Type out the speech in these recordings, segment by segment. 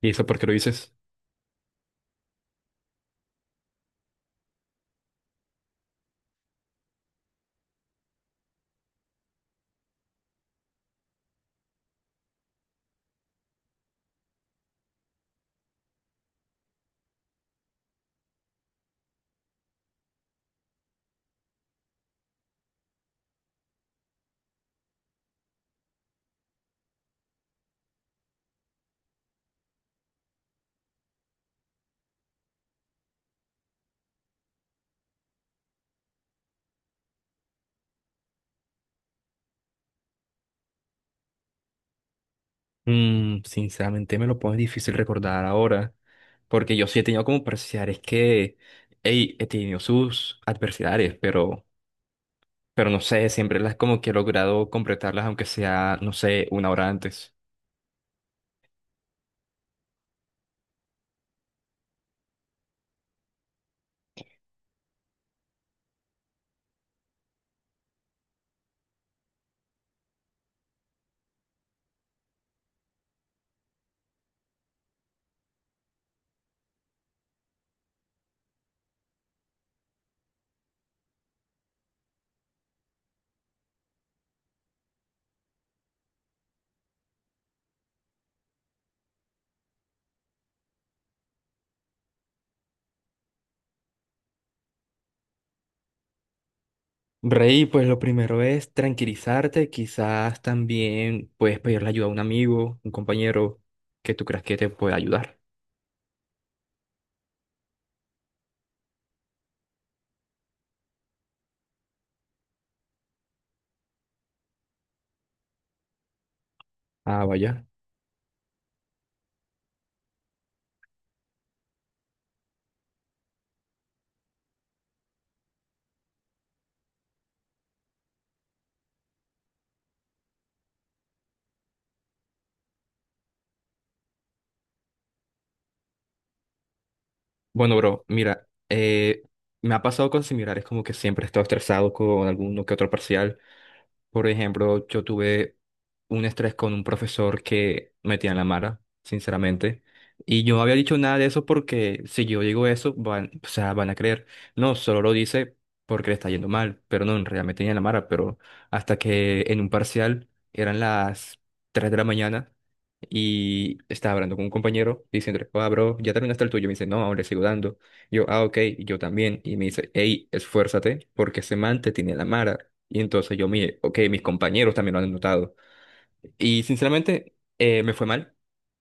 ¿Y eso por qué lo dices? Sinceramente me lo pones difícil recordar ahora, porque yo sí he tenido como parciales que, hey, he tenido sus adversidades, pero no sé, siempre las como que he logrado completarlas, aunque sea, no sé, una hora antes. Rey, pues lo primero es tranquilizarte, quizás también puedes pedirle ayuda a un amigo, un compañero que tú creas que te pueda ayudar. Ah, vaya. Bueno, bro, mira, me ha pasado cosas similares, como que siempre he estado estresado con alguno que otro parcial. Por ejemplo, yo tuve un estrés con un profesor que metía en la mara, sinceramente. Y yo no había dicho nada de eso porque si yo digo eso, van, o sea, van a creer. No, solo lo dice porque le está yendo mal, pero no, en realidad me tenía en la mara. Pero hasta que en un parcial eran las 3 de la mañana. Y estaba hablando con un compañero diciendo, ah, bro, ya terminaste el tuyo. Me dice, no, aún le sigo dando. Yo, ah, ok, y yo también. Y me dice, hey, esfuérzate porque ese man te tiene la mara. Y entonces yo, mire, ok, mis compañeros también lo han notado. Y sinceramente, me fue mal,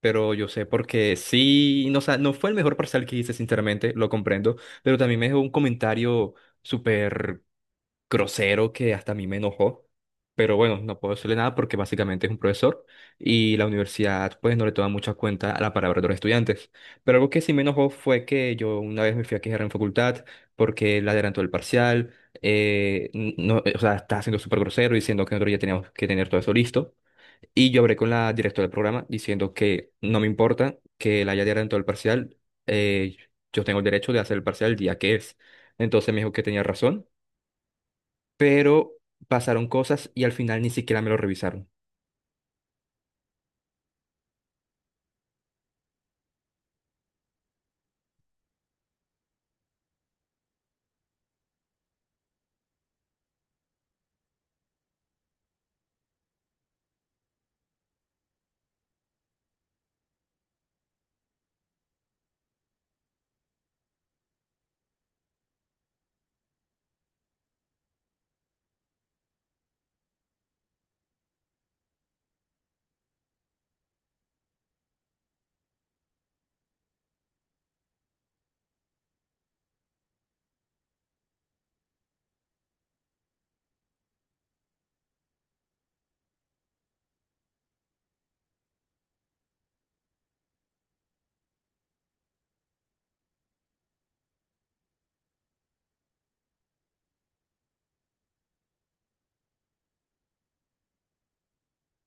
pero yo sé porque sí, no, o sea, no fue el mejor parcial que hice, sinceramente, lo comprendo, pero también me dejó un comentario súper grosero que hasta a mí me enojó. Pero bueno, no puedo decirle nada porque básicamente es un profesor y la universidad pues no le toma mucha cuenta a la palabra de los estudiantes. Pero algo que sí me enojó fue que yo una vez me fui a quejar en facultad porque él adelantó el parcial, no, o sea, está siendo súper grosero diciendo que nosotros ya teníamos que tener todo eso listo. Y yo hablé con la directora del programa diciendo que no me importa que él haya adelantado el parcial, eh, yo tengo el derecho de hacer el parcial el día que es. Entonces me dijo que tenía razón, pero pasaron cosas y al final ni siquiera me lo revisaron.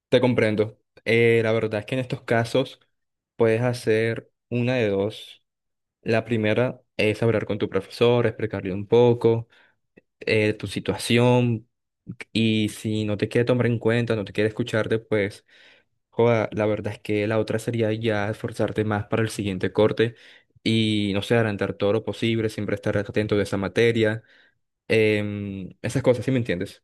Te comprendo. La verdad es que en estos casos puedes hacer una de dos. La primera es hablar con tu profesor, explicarle un poco tu situación, y si no te quiere tomar en cuenta, no te quiere escucharte, pues joda, la verdad es que la otra sería ya esforzarte más para el siguiente corte y no sé, adelantar todo lo posible, siempre estar atento de esa materia, esas cosas, ¿sí me entiendes?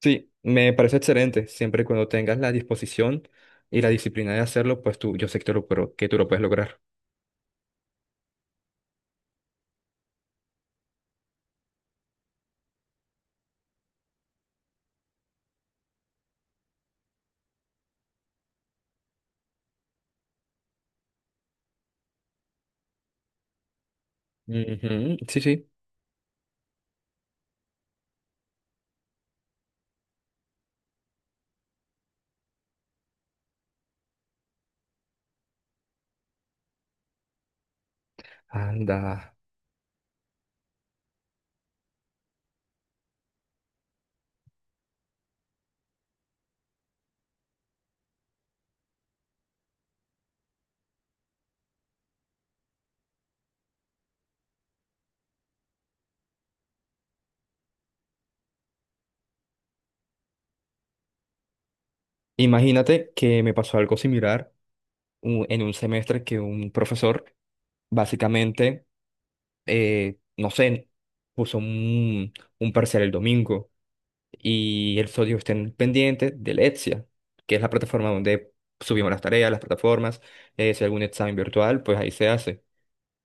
Sí, me parece excelente. Siempre y cuando tengas la disposición y la disciplina de hacerlo, pues tú, yo sé que tú lo, pero que tú lo puedes lograr. Ujú, sí, sí. Anda. Imagínate que me pasó algo similar en un semestre que un profesor básicamente, no sé, puso un parcial el domingo y el sodio estén pendiente de Lexia, que es la plataforma donde subimos las tareas, las plataformas, si hay algún examen virtual, pues ahí se hace.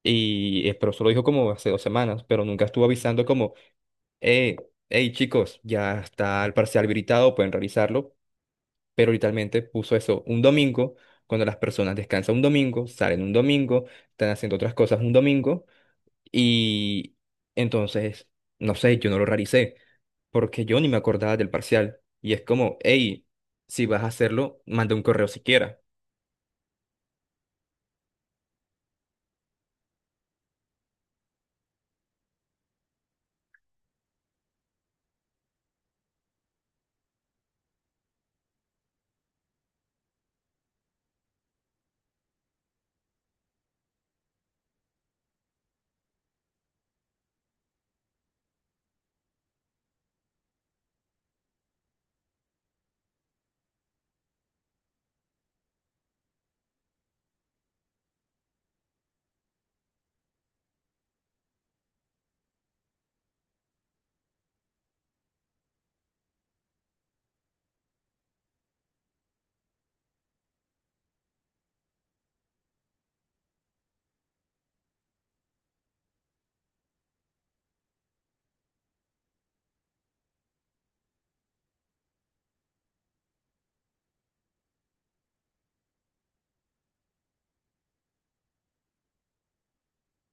Y, pero solo dijo como hace dos semanas, pero nunca estuvo avisando como, eh, hey chicos, ya está el parcial habilitado, pueden realizarlo. Pero literalmente puso eso un domingo, cuando las personas descansan un domingo, salen un domingo, están haciendo otras cosas un domingo. Y entonces, no sé, yo no lo realicé, porque yo ni me acordaba del parcial. Y es como, hey, si vas a hacerlo, manda un correo siquiera.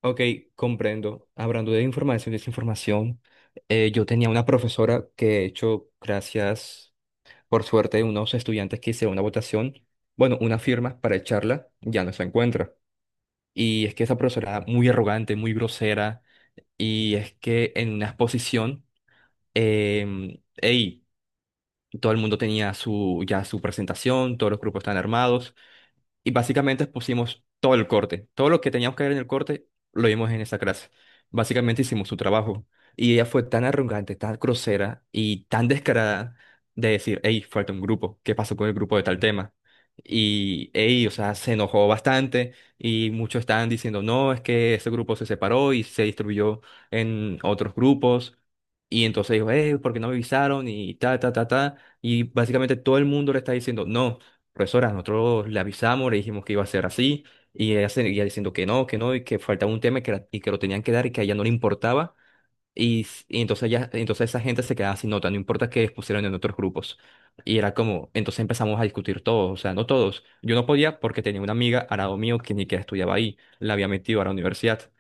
Ok, comprendo. Hablando de información y desinformación, yo tenía una profesora que, de hecho, gracias por suerte, unos estudiantes que hicieron una votación, bueno, una firma para echarla, ya no se encuentra. Y es que esa profesora era muy arrogante, muy grosera, y es que en una exposición, ey, todo el mundo tenía su, ya su presentación, todos los grupos están armados, y básicamente pusimos todo el corte. Todo lo que teníamos que ver en el corte lo vimos en esa clase. Básicamente hicimos su trabajo. Y ella fue tan arrogante, tan grosera y tan descarada de decir, hey, falta un grupo. ¿Qué pasó con el grupo de tal tema? Y ey, o sea, se enojó bastante y muchos estaban diciendo, no, es que ese grupo se separó y se distribuyó en otros grupos. Y entonces dijo, hey, ¿por qué no me avisaron? Y ta, ta, ta, ta. Y básicamente todo el mundo le está diciendo, no profesora, nosotros le avisamos, le dijimos que iba a ser así, y ella seguía diciendo que no, y que faltaba un tema y que, y que lo tenían que dar y que a ella no le importaba, y, y entonces ya, entonces esa gente se quedaba sin nota, no importa que pusieran en otros grupos. Y era como, entonces empezamos a discutir todos, o sea, no todos. Yo no podía porque tenía una amiga al lado mío que ni que estudiaba ahí, la había metido a la universidad.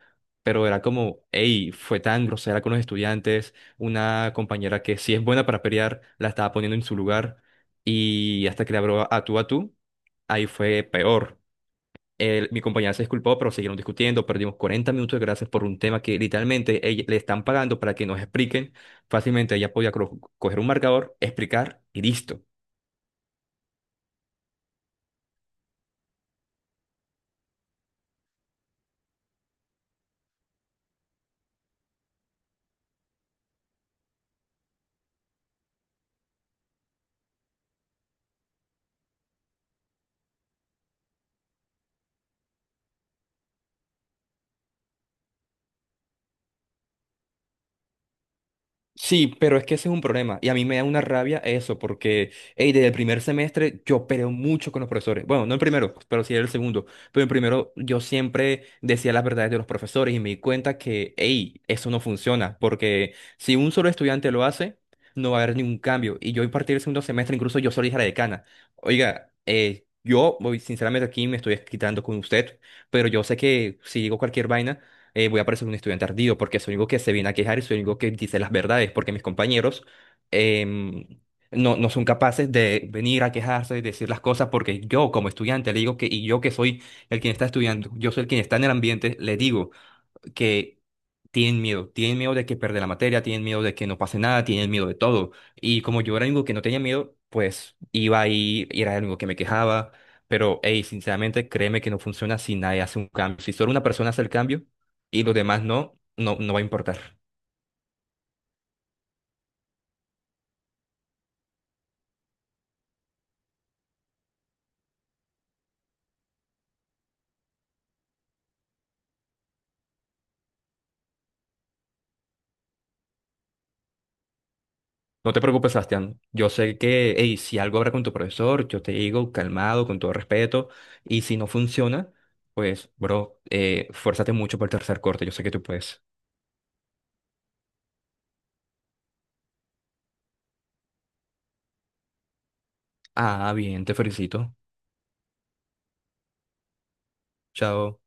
Pero era como, hey, fue tan grosera con los estudiantes, una compañera que sí es buena para pelear, la estaba poniendo en su lugar y hasta que le habló a tú, ahí fue peor. El- mi compañera se disculpó, pero siguieron discutiendo. Perdimos 40 minutos de gracias por un tema que literalmente ella- le están pagando para que nos expliquen. Fácilmente ella podía coger un marcador, explicar y listo. Sí, pero es que ese es un problema y a mí me da una rabia eso porque, hey, desde el primer semestre yo peleo mucho con los profesores. Bueno, no el primero, pues, pero sí el segundo. Pero el primero yo siempre decía las verdades de los profesores y me di cuenta que, hey, eso no funciona porque si un solo estudiante lo hace, no va a haber ningún cambio. Y yo a partir del segundo semestre incluso yo solo dije a la decana, oiga, yo voy, sinceramente aquí me estoy quitando con usted, pero yo sé que si digo cualquier vaina voy a parecer un estudiante ardido porque soy el único que se viene a quejar y soy el único que dice las verdades, porque mis compañeros em, no son capaces de venir a quejarse, y decir las cosas, porque yo como estudiante le digo que, y yo que soy el quien está estudiando, yo soy el quien está en el ambiente, le digo que tienen miedo de que perder la materia, tienen miedo de que no pase nada, tienen miedo de todo. Y como yo era el único que no tenía miedo, pues iba ahí y era el único que me quejaba. Pero, hey, sinceramente, créeme que no funciona si nadie hace un cambio. Si solo una persona hace el cambio y los demás no, no va a importar. No te preocupes, Sebastián. Yo sé que, hey, si algo habrá con tu profesor, yo te digo calmado, con todo respeto. Y si no funciona, pues, bro, fuérzate mucho por el tercer corte. Yo sé que tú puedes. Ah, bien, te felicito. Chao.